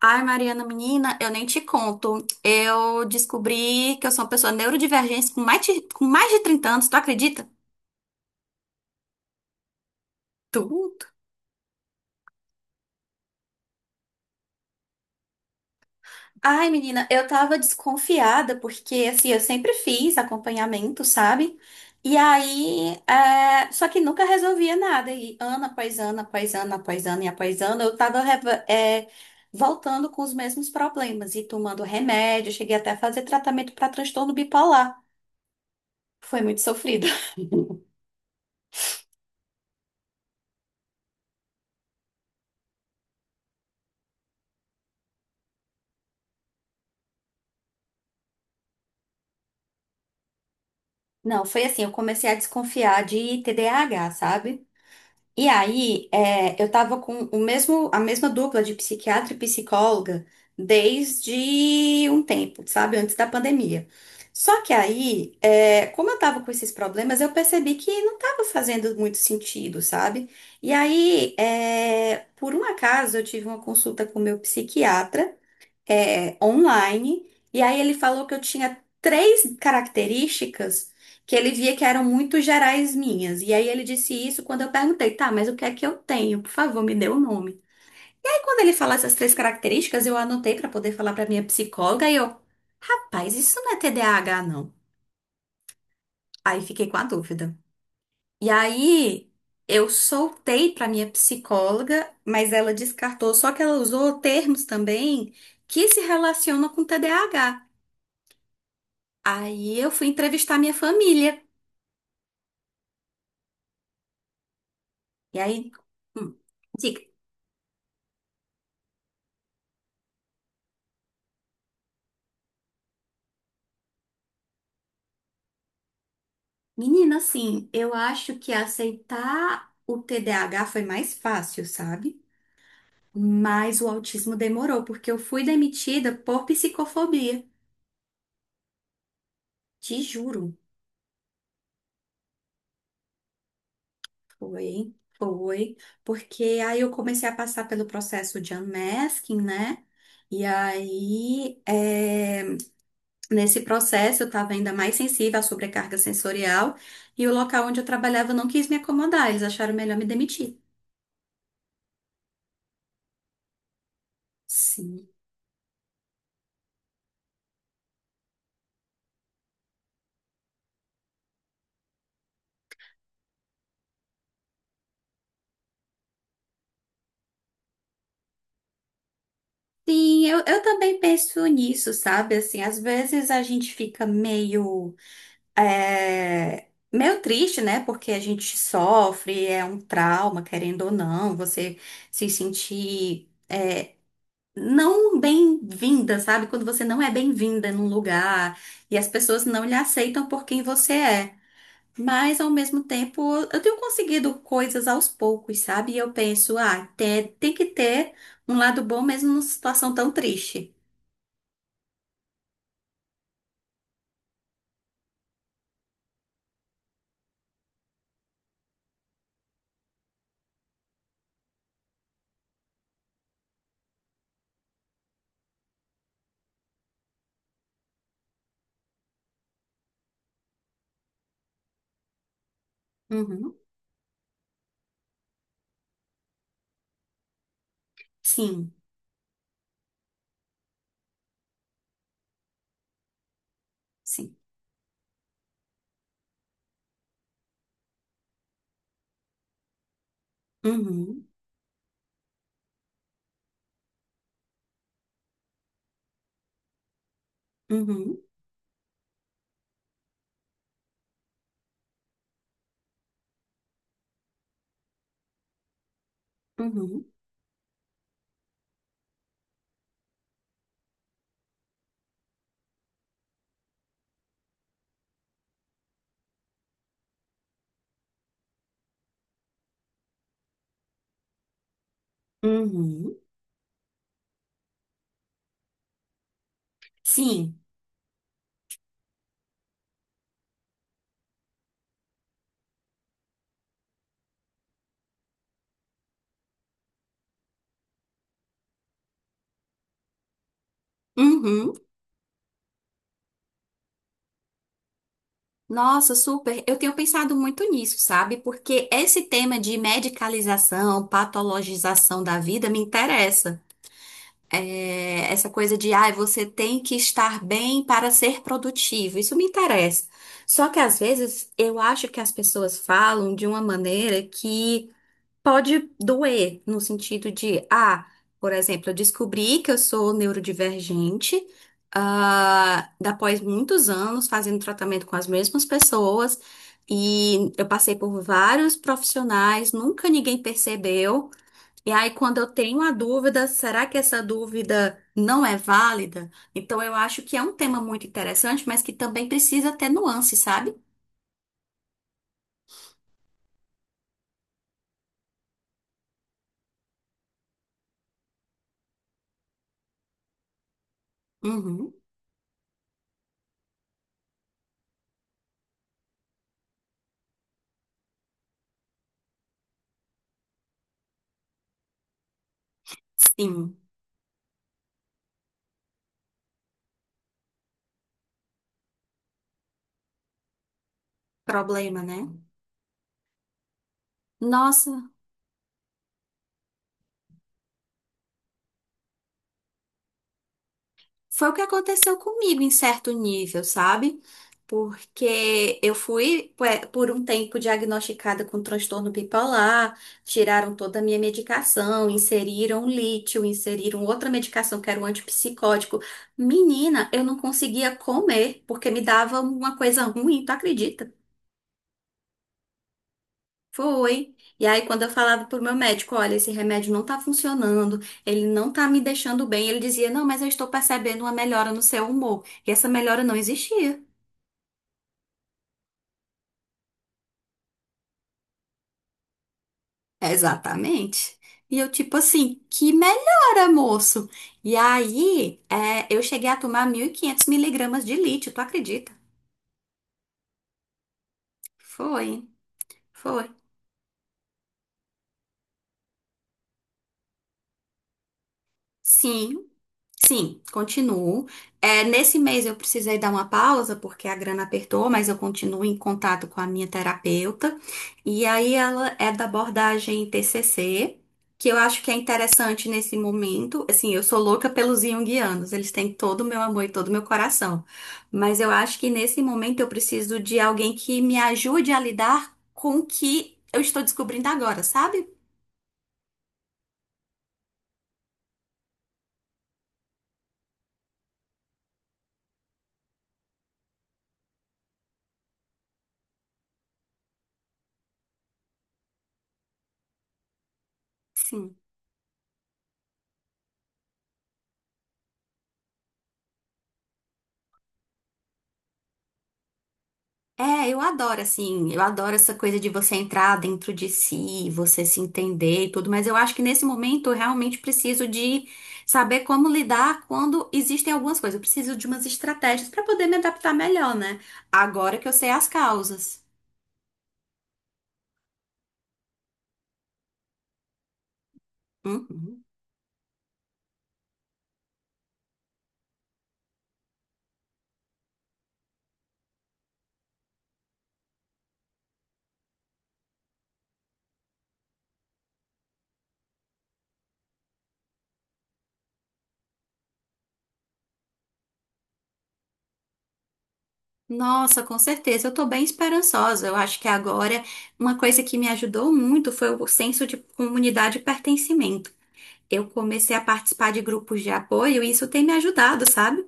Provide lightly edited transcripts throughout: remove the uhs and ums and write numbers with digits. Ai, Mariana, menina, eu nem te conto. Eu descobri que eu sou uma pessoa neurodivergente com mais de 30 anos, tu acredita? Tudo. Ai, menina, eu tava desconfiada porque, assim, eu sempre fiz acompanhamento, sabe? E aí, só que nunca resolvia nada. E ano após ano, após ano, após ano e após ano, eu tava, voltando com os mesmos problemas e tomando remédio. Cheguei até a fazer tratamento para transtorno bipolar. Foi muito sofrido. Não, foi assim, eu comecei a desconfiar de TDAH, sabe? E aí, eu tava com a mesma dupla de psiquiatra e psicóloga desde um tempo, sabe? Antes da pandemia. Só que aí, como eu tava com esses problemas, eu percebi que não tava fazendo muito sentido, sabe? E aí, por um acaso, eu tive uma consulta com o meu psiquiatra, online. E aí ele falou que eu tinha três características que ele via que eram muito gerais minhas. E aí ele disse isso quando eu perguntei: tá, mas o que é que eu tenho? Por favor, me dê o nome. E aí quando ele falou essas três características, eu anotei pra poder falar pra minha psicóloga e eu, rapaz, isso não é TDAH, não. Aí fiquei com a dúvida. E aí eu soltei para minha psicóloga, mas ela descartou, só que ela usou termos também que se relacionam com TDAH. Aí eu fui entrevistar minha família. E aí, hum, diga, menina, assim, eu acho que aceitar o TDAH foi mais fácil, sabe? Mas o autismo demorou, porque eu fui demitida por psicofobia. Te juro. Foi, foi. Porque aí eu comecei a passar pelo processo de unmasking, né? E aí, nesse processo, eu estava ainda mais sensível à sobrecarga sensorial, e o local onde eu trabalhava não quis me acomodar, eles acharam melhor me demitir. Sim. Sim, eu também penso nisso, sabe? Assim, às vezes a gente fica meio triste, né? Porque a gente sofre, é um trauma, querendo ou não, você se sentir não bem-vinda, sabe? Quando você não é bem-vinda num lugar e as pessoas não lhe aceitam por quem você é. Mas, ao mesmo tempo, eu tenho conseguido coisas aos poucos, sabe? E eu penso: ah, tem que ter um lado bom mesmo numa situação tão triste. Uhum. Sim, sim. Uhum, uhum, uhum, uhum. Sim. Uhum. Nossa, super. Eu tenho pensado muito nisso, sabe? Porque esse tema de medicalização, patologização da vida me interessa. É, essa coisa de: ah, você tem que estar bem para ser produtivo. Isso me interessa. Só que às vezes eu acho que as pessoas falam de uma maneira que pode doer, no sentido de: ah, por exemplo, eu descobri que eu sou neurodivergente, ah, após muitos anos fazendo tratamento com as mesmas pessoas, e eu passei por vários profissionais, nunca ninguém percebeu. E aí, quando eu tenho a dúvida, será que essa dúvida não é válida? Então, eu acho que é um tema muito interessante, mas que também precisa ter nuance, sabe? Uhum, sim. Problema, né? Nossa. Foi o que aconteceu comigo em certo nível, sabe? Porque eu fui por um tempo diagnosticada com transtorno bipolar, tiraram toda a minha medicação, inseriram lítio, inseriram outra medicação que era um antipsicótico. Menina, eu não conseguia comer porque me dava uma coisa ruim, tu acredita? Foi. E aí, quando eu falava pro meu médico: olha, esse remédio não tá funcionando, ele não tá me deixando bem, ele dizia: não, mas eu estou percebendo uma melhora no seu humor. E essa melhora não existia. Exatamente. E eu, tipo assim: que melhora, moço? E aí, eu cheguei a tomar 1.500 miligramas de lítio, tu acredita? Foi, foi. Sim. Sim, continuo. É, nesse mês eu precisei dar uma pausa porque a grana apertou, mas eu continuo em contato com a minha terapeuta. E aí ela é da abordagem TCC, que eu acho que é interessante nesse momento. Assim, eu sou louca pelos junguianos, eles têm todo o meu amor e todo o meu coração. Mas eu acho que nesse momento eu preciso de alguém que me ajude a lidar com o que eu estou descobrindo agora, sabe? Sim. É, eu adoro, assim, eu adoro essa coisa de você entrar dentro de si, você se entender e tudo, mas eu acho que nesse momento eu realmente preciso de saber como lidar quando existem algumas coisas. Eu preciso de umas estratégias para poder me adaptar melhor, né? Agora que eu sei as causas. Uhum. Nossa, com certeza, eu tô bem esperançosa. Eu acho que agora uma coisa que me ajudou muito foi o senso de comunidade e pertencimento. Eu comecei a participar de grupos de apoio e isso tem me ajudado, sabe?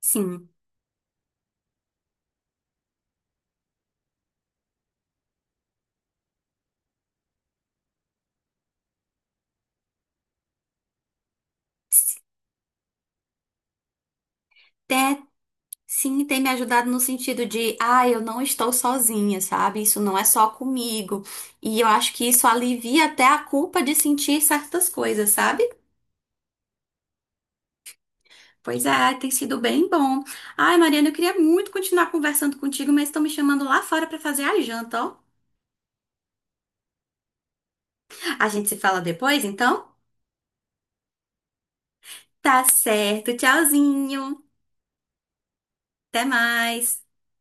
Sim. Sim, tem me ajudado no sentido de: ah, eu não estou sozinha, sabe? Isso não é só comigo. E eu acho que isso alivia até a culpa de sentir certas coisas, sabe? Pois é, tem sido bem bom. Ai, Mariana, eu queria muito continuar conversando contigo, mas estão me chamando lá fora para fazer a janta, ó. A gente se fala depois, então? Tá certo. Tchauzinho. Até mais.